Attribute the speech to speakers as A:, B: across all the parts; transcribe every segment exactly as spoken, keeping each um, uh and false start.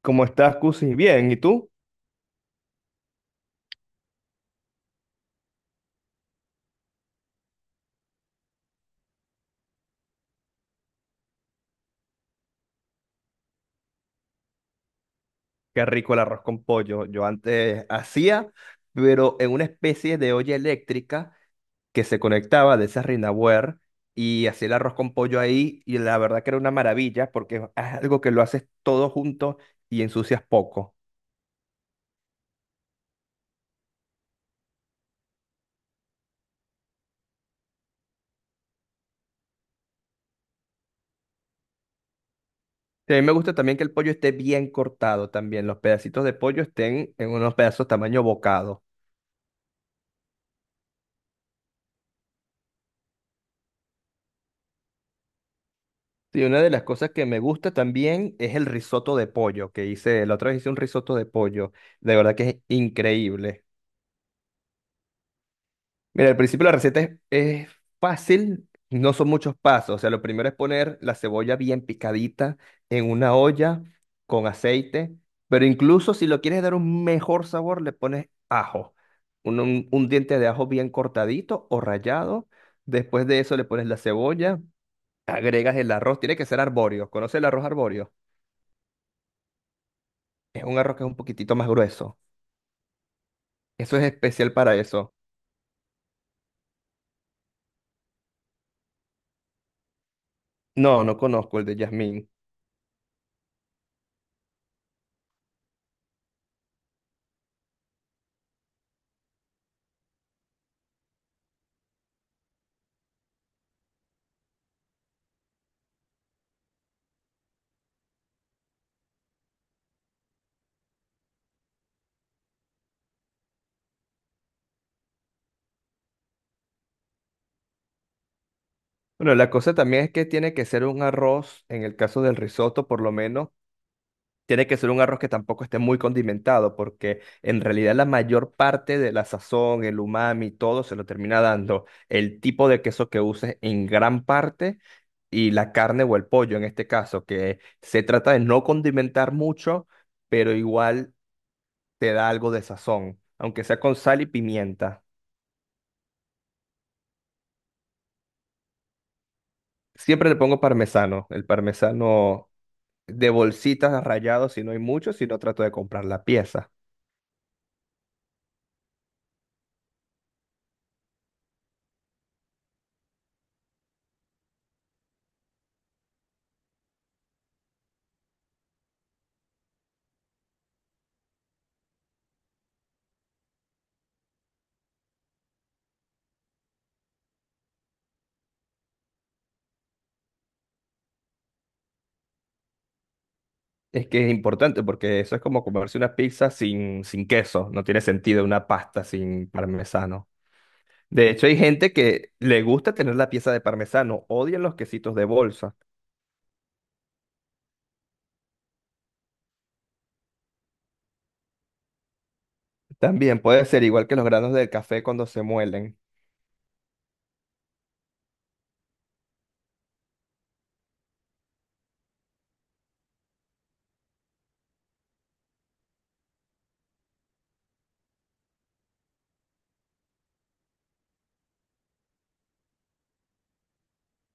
A: ¿Cómo estás, Cusi? Bien, ¿y tú? Qué rico el arroz con pollo. Yo antes hacía, pero en una especie de olla eléctrica que se conectaba de esa Rinaware y hacía el arroz con pollo ahí y la verdad que era una maravilla porque es algo que lo haces todo junto y ensucias poco. A mí me gusta también que el pollo esté bien cortado también, los pedacitos de pollo estén en unos pedazos tamaño bocado. Sí, una de las cosas que me gusta también es el risotto de pollo que hice, la otra vez hice un risotto de pollo, de verdad que es increíble. Mira, al principio la receta es, es fácil, no son muchos pasos, o sea, lo primero es poner la cebolla bien picadita en una olla con aceite, pero incluso si lo quieres dar un mejor sabor, le pones ajo, un, un un diente de ajo bien cortadito o rallado, después de eso le pones la cebolla, agregas el arroz, tiene que ser arbóreo. ¿Conoce el arroz arbóreo? Es un arroz que es un poquitito más grueso. Eso es especial para eso. No, no conozco el de jazmín. Bueno, la cosa también es que tiene que ser un arroz, en el caso del risotto por lo menos, tiene que ser un arroz que tampoco esté muy condimentado, porque en realidad la mayor parte de la sazón, el umami, todo se lo termina dando el tipo de queso que uses en gran parte y la carne o el pollo en este caso, que se trata de no condimentar mucho, pero igual te da algo de sazón, aunque sea con sal y pimienta. Siempre le pongo parmesano, el parmesano de bolsitas rallado si no hay mucho, si no trato de comprar la pieza. Es que es importante porque eso es como comerse una pizza sin, sin queso, no tiene sentido una pasta sin parmesano. De hecho, hay gente que le gusta tener la pieza de parmesano, odian los quesitos de bolsa. También puede ser igual que los granos del café cuando se muelen.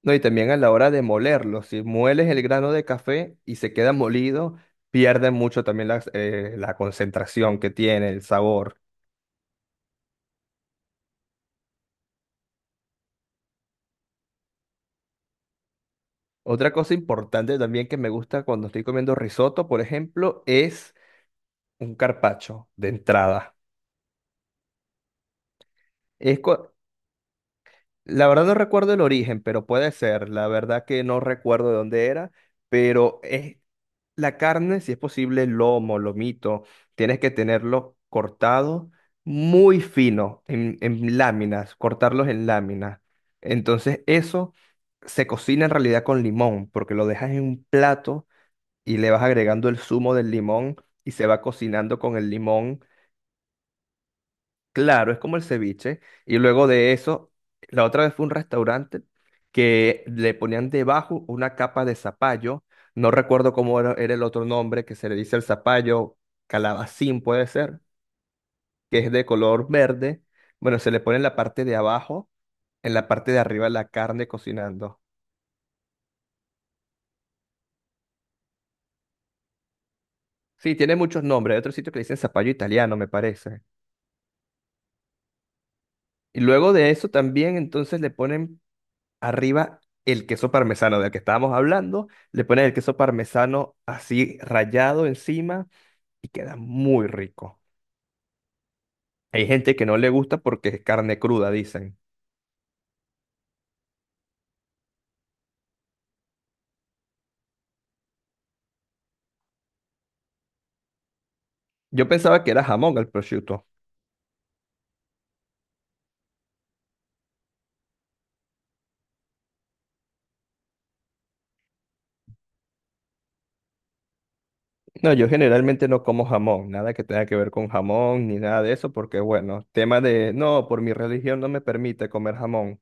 A: No, y también a la hora de molerlo, si mueles el grano de café y se queda molido, pierde mucho también las, eh, la concentración que tiene, el sabor. Otra cosa importante también que me gusta cuando estoy comiendo risotto, por ejemplo, es un carpaccio de entrada. Es, cu- La verdad no recuerdo el origen, pero puede ser. La verdad que no recuerdo de dónde era, pero es la carne, si es posible, lomo, lomito, tienes que tenerlo cortado muy fino, en, en láminas, cortarlos en láminas. Entonces eso se cocina en realidad con limón, porque lo dejas en un plato y le vas agregando el zumo del limón y se va cocinando con el limón. Claro, es como el ceviche. Y luego de eso, la otra vez fue un restaurante que le ponían debajo una capa de zapallo. No recuerdo cómo era, era el otro nombre que se le dice el zapallo, calabacín puede ser, que es de color verde. Bueno, se le pone en la parte de abajo, en la parte de arriba la carne cocinando. Sí, tiene muchos nombres. Hay otro sitio que le dicen zapallo italiano, me parece. Y luego de eso también entonces le ponen arriba el queso parmesano del que estábamos hablando, le pones el queso parmesano así rallado encima y queda muy rico. Hay gente que no le gusta porque es carne cruda, dicen. Yo pensaba que era jamón el prosciutto. No, yo generalmente no como jamón, nada que tenga que ver con jamón ni nada de eso, porque bueno, tema de, no, por mi religión no me permite comer jamón.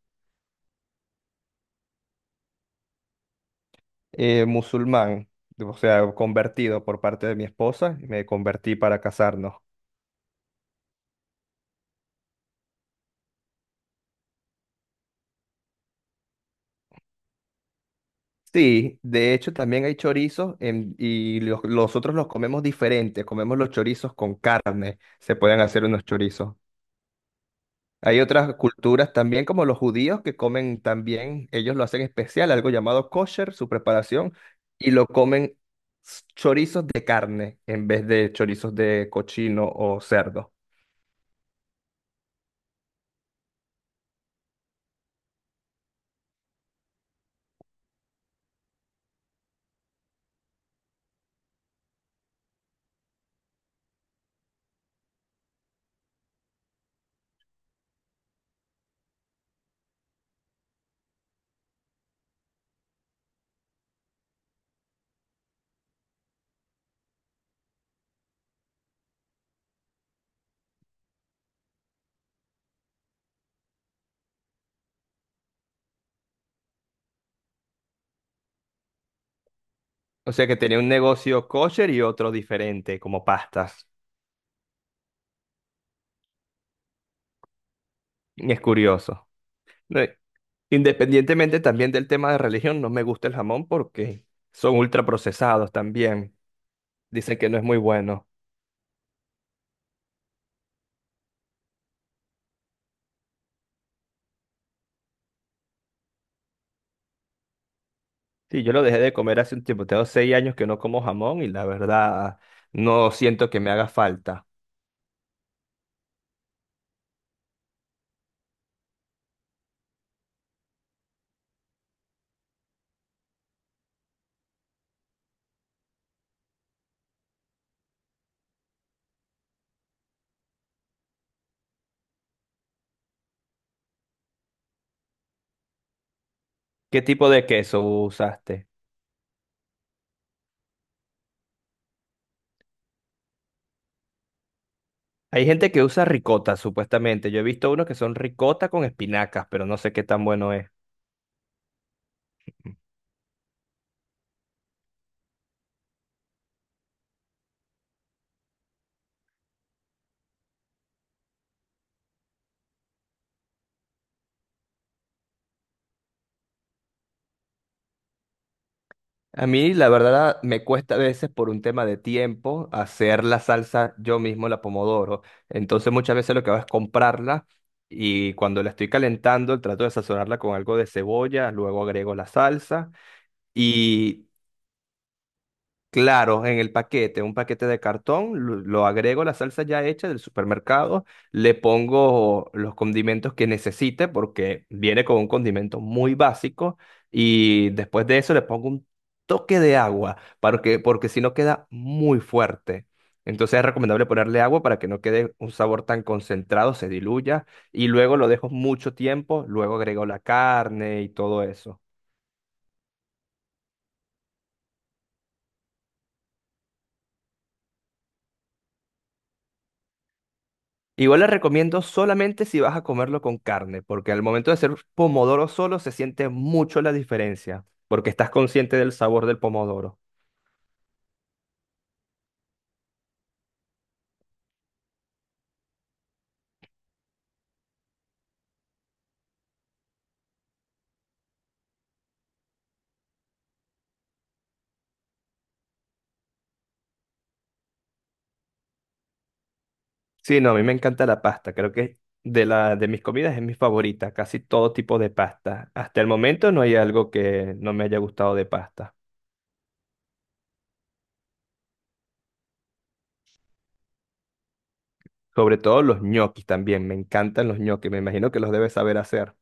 A: Eh, musulmán, o sea, convertido por parte de mi esposa, me convertí para casarnos. Sí, de hecho también hay chorizos en- y los, nosotros los comemos diferentes, comemos los chorizos con carne, se pueden hacer unos chorizos. Hay otras culturas también como los judíos que comen también, ellos lo hacen especial, algo llamado kosher, su preparación, y lo comen s- chorizos de carne en vez de chorizos de cochino o cerdo. O sea que tenía un negocio kosher y otro diferente, como pastas. Es curioso. Re- Independientemente también del tema de religión, no me gusta el jamón porque son ultraprocesados también. Dicen que no es muy bueno. Sí, yo lo dejé de comer hace un tiempo. Tengo seis años que no como jamón y la verdad no siento que me haga falta. ¿Qué tipo de queso usaste? Hay gente que usa ricota, supuestamente. Yo he visto unos que son ricota con espinacas, pero no sé qué tan bueno es. A mí, la verdad, me cuesta a veces por un tema de tiempo hacer la salsa yo mismo, la pomodoro. Entonces, muchas veces lo que hago es comprarla y cuando la estoy calentando, trato de sazonarla con algo de cebolla, luego agrego la salsa y. Claro, en el paquete, un paquete de cartón, lo, lo agrego la salsa ya hecha del supermercado, le pongo los condimentos que necesite porque viene con un condimento muy básico y después de eso le pongo un toque de agua para que, porque si no queda muy fuerte. Entonces es recomendable ponerle agua para que no quede un sabor tan concentrado, se diluya y luego lo dejo mucho tiempo, luego agrego la carne y todo eso. Igual la recomiendo solamente si vas a comerlo con carne, porque al momento de hacer pomodoro solo se siente mucho la diferencia, porque estás consciente del sabor del pomodoro. Sí, no, a mí me encanta la pasta, creo que de la de mis comidas es mi favorita, casi todo tipo de pasta. Hasta el momento no hay algo que no me haya gustado de pasta. Sobre todo los ñoquis también, me encantan los ñoquis, me imagino que los debes saber hacer.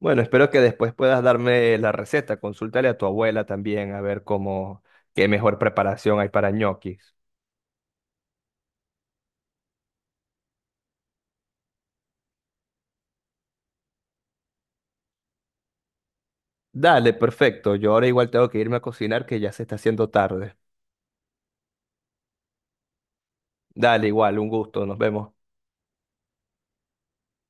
A: Bueno, espero que después puedas darme la receta, consúltale a tu abuela también a ver cómo qué mejor preparación hay para ñoquis. Dale, perfecto. Yo ahora igual tengo que irme a cocinar que ya se está haciendo tarde. Dale, igual, un gusto. Nos vemos.